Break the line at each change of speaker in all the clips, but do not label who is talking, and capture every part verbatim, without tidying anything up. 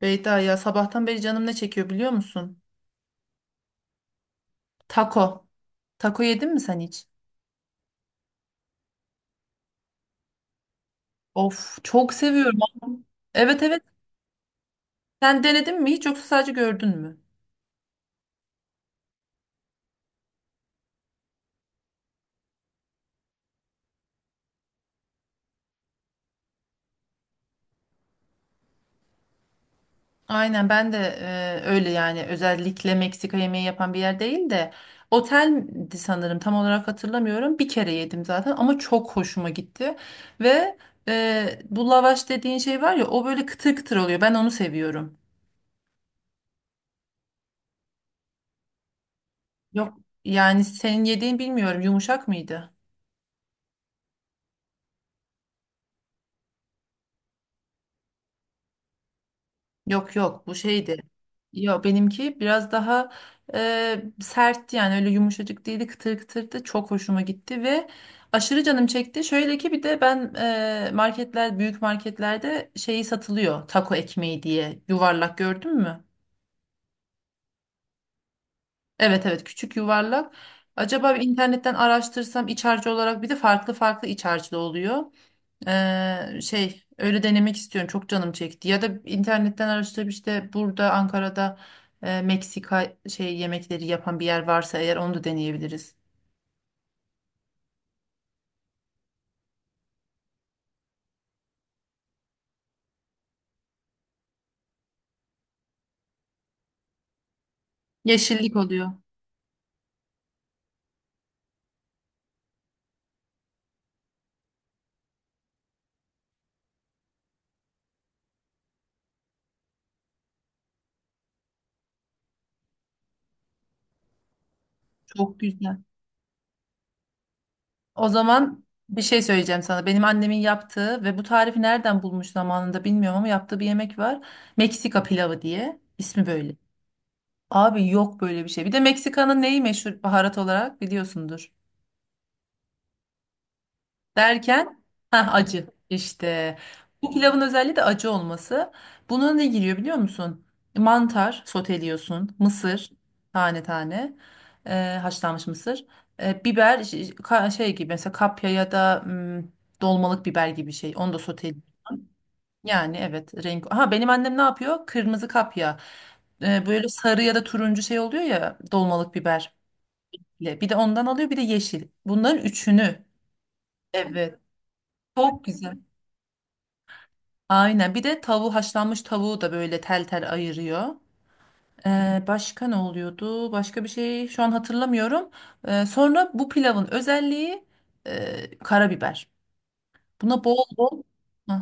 Beyda ya, sabahtan beri canım ne çekiyor biliyor musun? Taco. Taco yedin mi sen hiç? Of, çok seviyorum. Evet, evet. Sen denedin mi hiç yoksa sadece gördün mü? Aynen, ben de e, öyle, yani özellikle Meksika yemeği yapan bir yer değil de oteldi, sanırım tam olarak hatırlamıyorum. Bir kere yedim zaten, ama çok hoşuma gitti. Ve e, bu lavaş dediğin şey var ya, o böyle kıtır kıtır oluyor, ben onu seviyorum. Yok, yani senin yediğin bilmiyorum, yumuşak mıydı? Yok yok, bu şeydi. Yo, benimki biraz daha e, sertti, yani öyle yumuşacık değildi, kıtır kıtırdı, çok hoşuma gitti ve aşırı canım çekti. Şöyle ki, bir de ben e, marketler, büyük marketlerde şeyi satılıyor, taco ekmeği diye, yuvarlak, gördün mü? Evet evet, küçük yuvarlak. Acaba bir internetten araştırsam, iç harcı olarak bir de farklı farklı iç harcı da oluyor. Eee, şey, öyle denemek istiyorum. Çok canım çekti. Ya da internetten araştırıp işte, burada Ankara'da eee, Meksika şey yemekleri yapan bir yer varsa eğer, onu da deneyebiliriz. Yeşillik oluyor. Çok güzel. O zaman bir şey söyleyeceğim sana. Benim annemin yaptığı ve bu tarifi nereden bulmuş zamanında bilmiyorum, ama yaptığı bir yemek var. Meksika pilavı diye. İsmi böyle. Abi, yok böyle bir şey. Bir de Meksika'nın neyi meşhur baharat olarak, biliyorsundur. Derken, ha, acı işte. Bu pilavın özelliği de acı olması. Buna ne giriyor biliyor musun? Mantar soteliyorsun, mısır, tane tane, e, haşlanmış mısır, e, biber ş- ş- ka- şey gibi, mesela kapya ya da mm, dolmalık biber gibi şey. Onu da soteliyorsun. Yani evet, renk. Ha, benim annem ne yapıyor? Kırmızı kapya. E, böyle sarı ya da turuncu şey oluyor ya, dolmalık biberle. Bir de ondan alıyor, bir de yeşil. Bunların üçünü. Evet. Çok güzel. Aynen. Bir de tavuğu, haşlanmış tavuğu da böyle tel tel ayırıyor. Ee, başka ne oluyordu? Başka bir şey şu an hatırlamıyorum. Ee, sonra bu pilavın özelliği e, karabiber. Buna bol bol. Hah.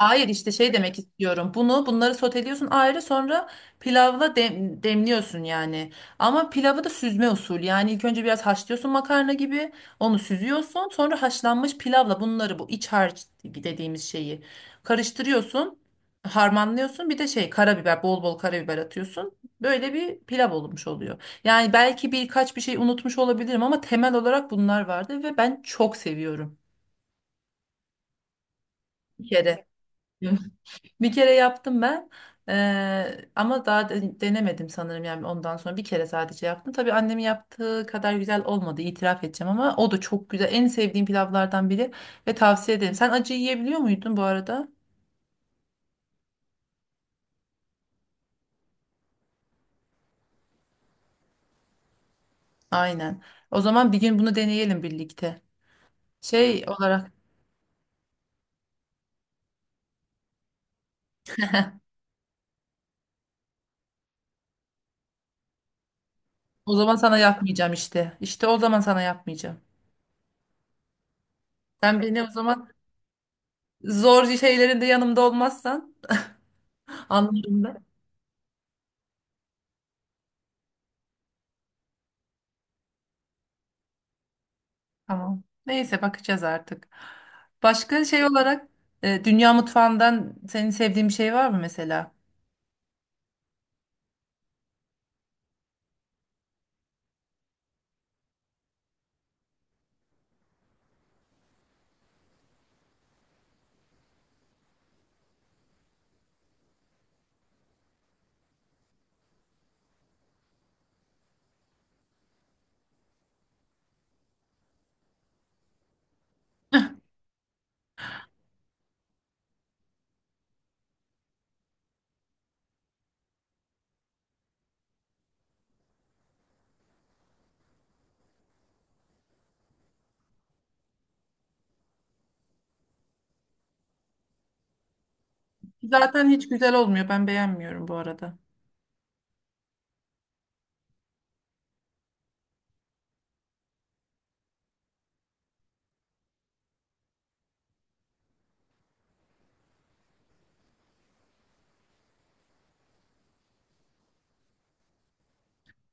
Hayır, işte şey demek istiyorum. Bunu bunları soteliyorsun ayrı, sonra pilavla dem- demliyorsun yani. Ama pilavı da süzme usul. Yani ilk önce biraz haşlıyorsun makarna gibi. Onu süzüyorsun. Sonra haşlanmış pilavla bunları, bu iç harç dediğimiz şeyi karıştırıyorsun. Harmanlıyorsun. Bir de şey, karabiber, bol bol karabiber atıyorsun. Böyle bir pilav olmuş oluyor. Yani belki birkaç bir şey unutmuş olabilirim, ama temel olarak bunlar vardı ve ben çok seviyorum. Bir kere. Bir kere yaptım ben. Eee, ama daha de- denemedim sanırım, yani ondan sonra bir kere sadece yaptım. Tabii annemin yaptığı kadar güzel olmadı, itiraf edeceğim, ama o da çok güzel, en sevdiğim pilavlardan biri ve tavsiye ederim. Sen acı yiyebiliyor muydun bu arada? Aynen. O zaman bir gün bunu deneyelim birlikte. Şey olarak, o zaman sana yapmayacağım işte. İşte o zaman sana yapmayacağım. Sen beni o zaman, zor şeylerinde yanımda olmazsan, anlarım. Tamam. Neyse, bakacağız artık. Başka şey olarak, e, dünya mutfağından senin sevdiğin bir şey var mı mesela? Zaten hiç güzel olmuyor. Ben beğenmiyorum bu arada.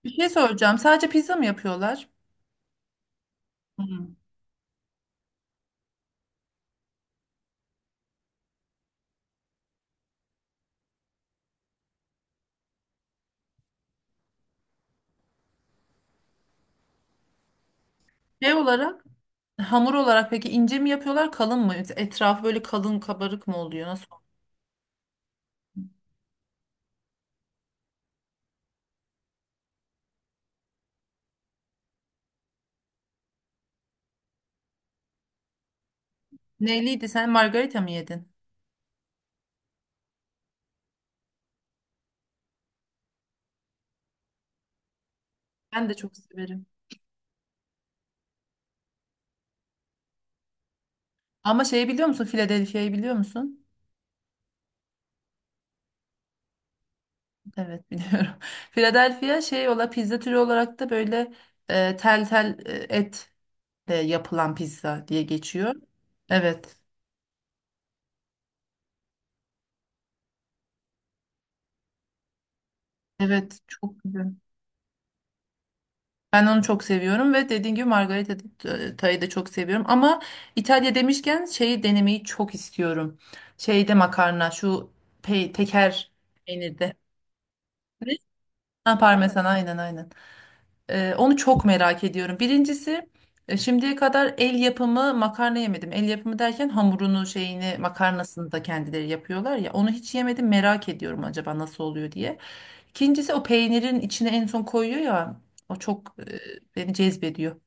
Bir şey soracağım. Sadece pizza mı yapıyorlar? Hı. Şey olarak, hamur olarak peki, ince mi yapıyorlar kalın mı? Etrafı böyle kalın, kabarık mı oluyor? Nasıl? Neyliydi, sen margarita mı yedin? Ben de çok severim. Ama şeyi biliyor musun? Philadelphia'yı biliyor musun? Evet, biliyorum. Philadelphia şey ola, pizza türü olarak da böyle e, tel tel e, et e, yapılan pizza diye geçiyor. Evet. Evet, çok güzel. Ben onu çok seviyorum ve dediğim gibi Margarita Tay'ı da çok seviyorum. Ama İtalya demişken şeyi denemeyi çok istiyorum. Şeyde, makarna şu, pe teker, peynirde. Ne? Ha, parmesan, aynen aynen. Ee, onu çok merak ediyorum. Birincisi, e, şimdiye kadar el yapımı makarna yemedim. El yapımı derken, hamurunu, şeyini, makarnasını da kendileri yapıyorlar ya. Onu hiç yemedim, merak ediyorum acaba nasıl oluyor diye. İkincisi, o peynirin içine en son koyuyor ya. O çok e, beni cezbediyor.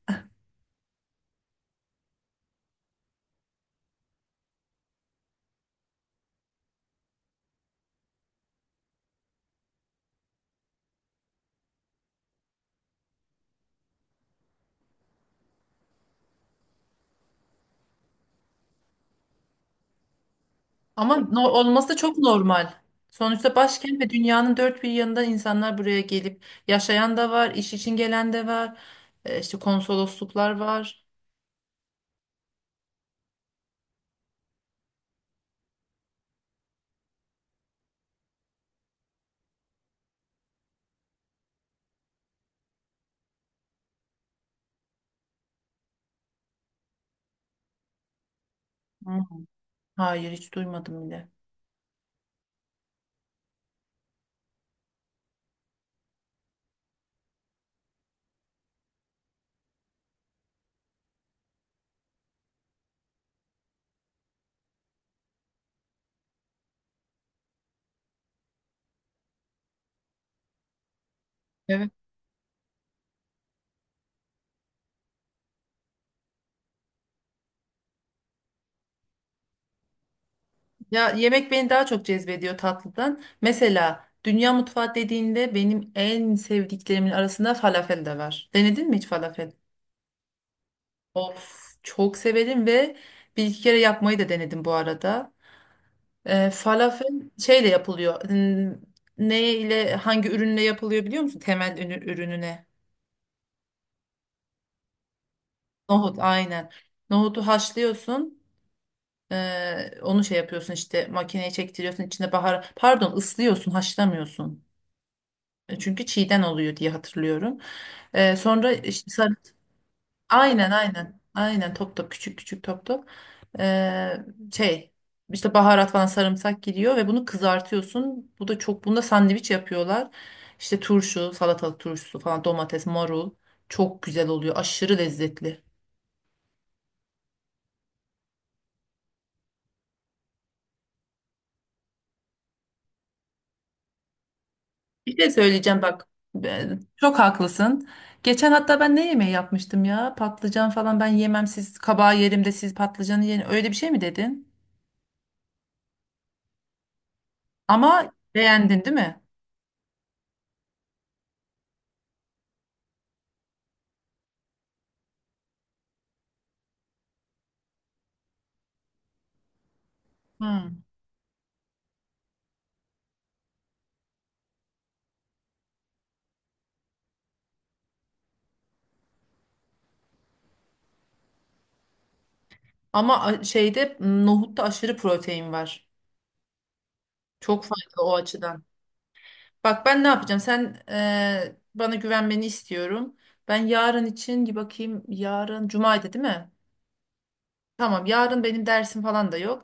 Ama no- olması da çok normal. Sonuçta başkent ve dünyanın dört bir yanından insanlar buraya gelip yaşayan da var, iş için gelen de var. E, işte konsolosluklar var. Hı. Hayır, hiç duymadım bile. Evet. Ya, yemek beni daha çok cezbediyor tatlıdan. Mesela dünya mutfağı dediğinde benim en sevdiklerimin arasında falafel de var. Denedin mi hiç falafel? Of, çok severim ve bir iki kere yapmayı da denedim bu arada. Ee, falafel şeyle yapılıyor. Hmm, Ne ile, hangi ürünle yapılıyor biliyor musun? Temel ünü- ürününe. Nohut, aynen. Nohutu haşlıyorsun. Ee, onu şey yapıyorsun işte, makineye çektiriyorsun, içine bahar, pardon, ıslıyorsun, haşlamıyorsun. E, çünkü çiğden oluyor diye hatırlıyorum. Ee, sonra işte, aynen aynen. Aynen, top top, küçük küçük top top. Ee, Şey, işte baharat falan, sarımsak gidiyor ve bunu kızartıyorsun. Bu da çok, bunda sandviç yapıyorlar. İşte turşu, salatalık turşusu falan, domates, marul, çok güzel oluyor. Aşırı lezzetli. Bir şey söyleyeceğim bak. ben- Çok haklısın. Geçen, hatta, ben ne yemeği yapmıştım ya? Patlıcan falan ben yemem, siz kabağı yerim de siz patlıcanı yerin. Öyle bir şey mi dedin? Ama beğendin değil mi? Hı. Ama a- şeyde, m, nohutta aşırı protein var. Çok faydalı o açıdan. Bak ben ne yapacağım? Sen, e, bana güvenmeni istiyorum. Ben yarın için bir bakayım. Yarın cumaydı değil mi? Tamam, yarın benim dersim falan da yok.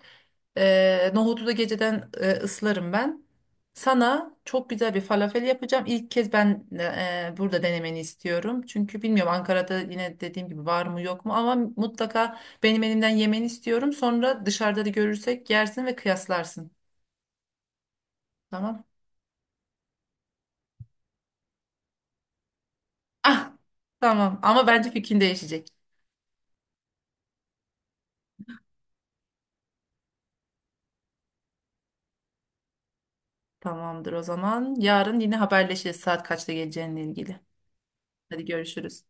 Ee, nohutu da geceden e, ıslarım ben. Sana çok güzel bir falafel yapacağım. İlk kez ben, e, e, burada denemeni istiyorum. Çünkü bilmiyorum Ankara'da, yine dediğim gibi var mı yok mu, ama mutlaka benim elimden yemeni istiyorum. Sonra dışarıda da görürsek yersin ve kıyaslarsın. Tamam. Ah, tamam, ama bence fikrin değişecek. Tamamdır o zaman. Yarın yine haberleşiriz saat kaçta geleceğinle ilgili. Hadi, görüşürüz.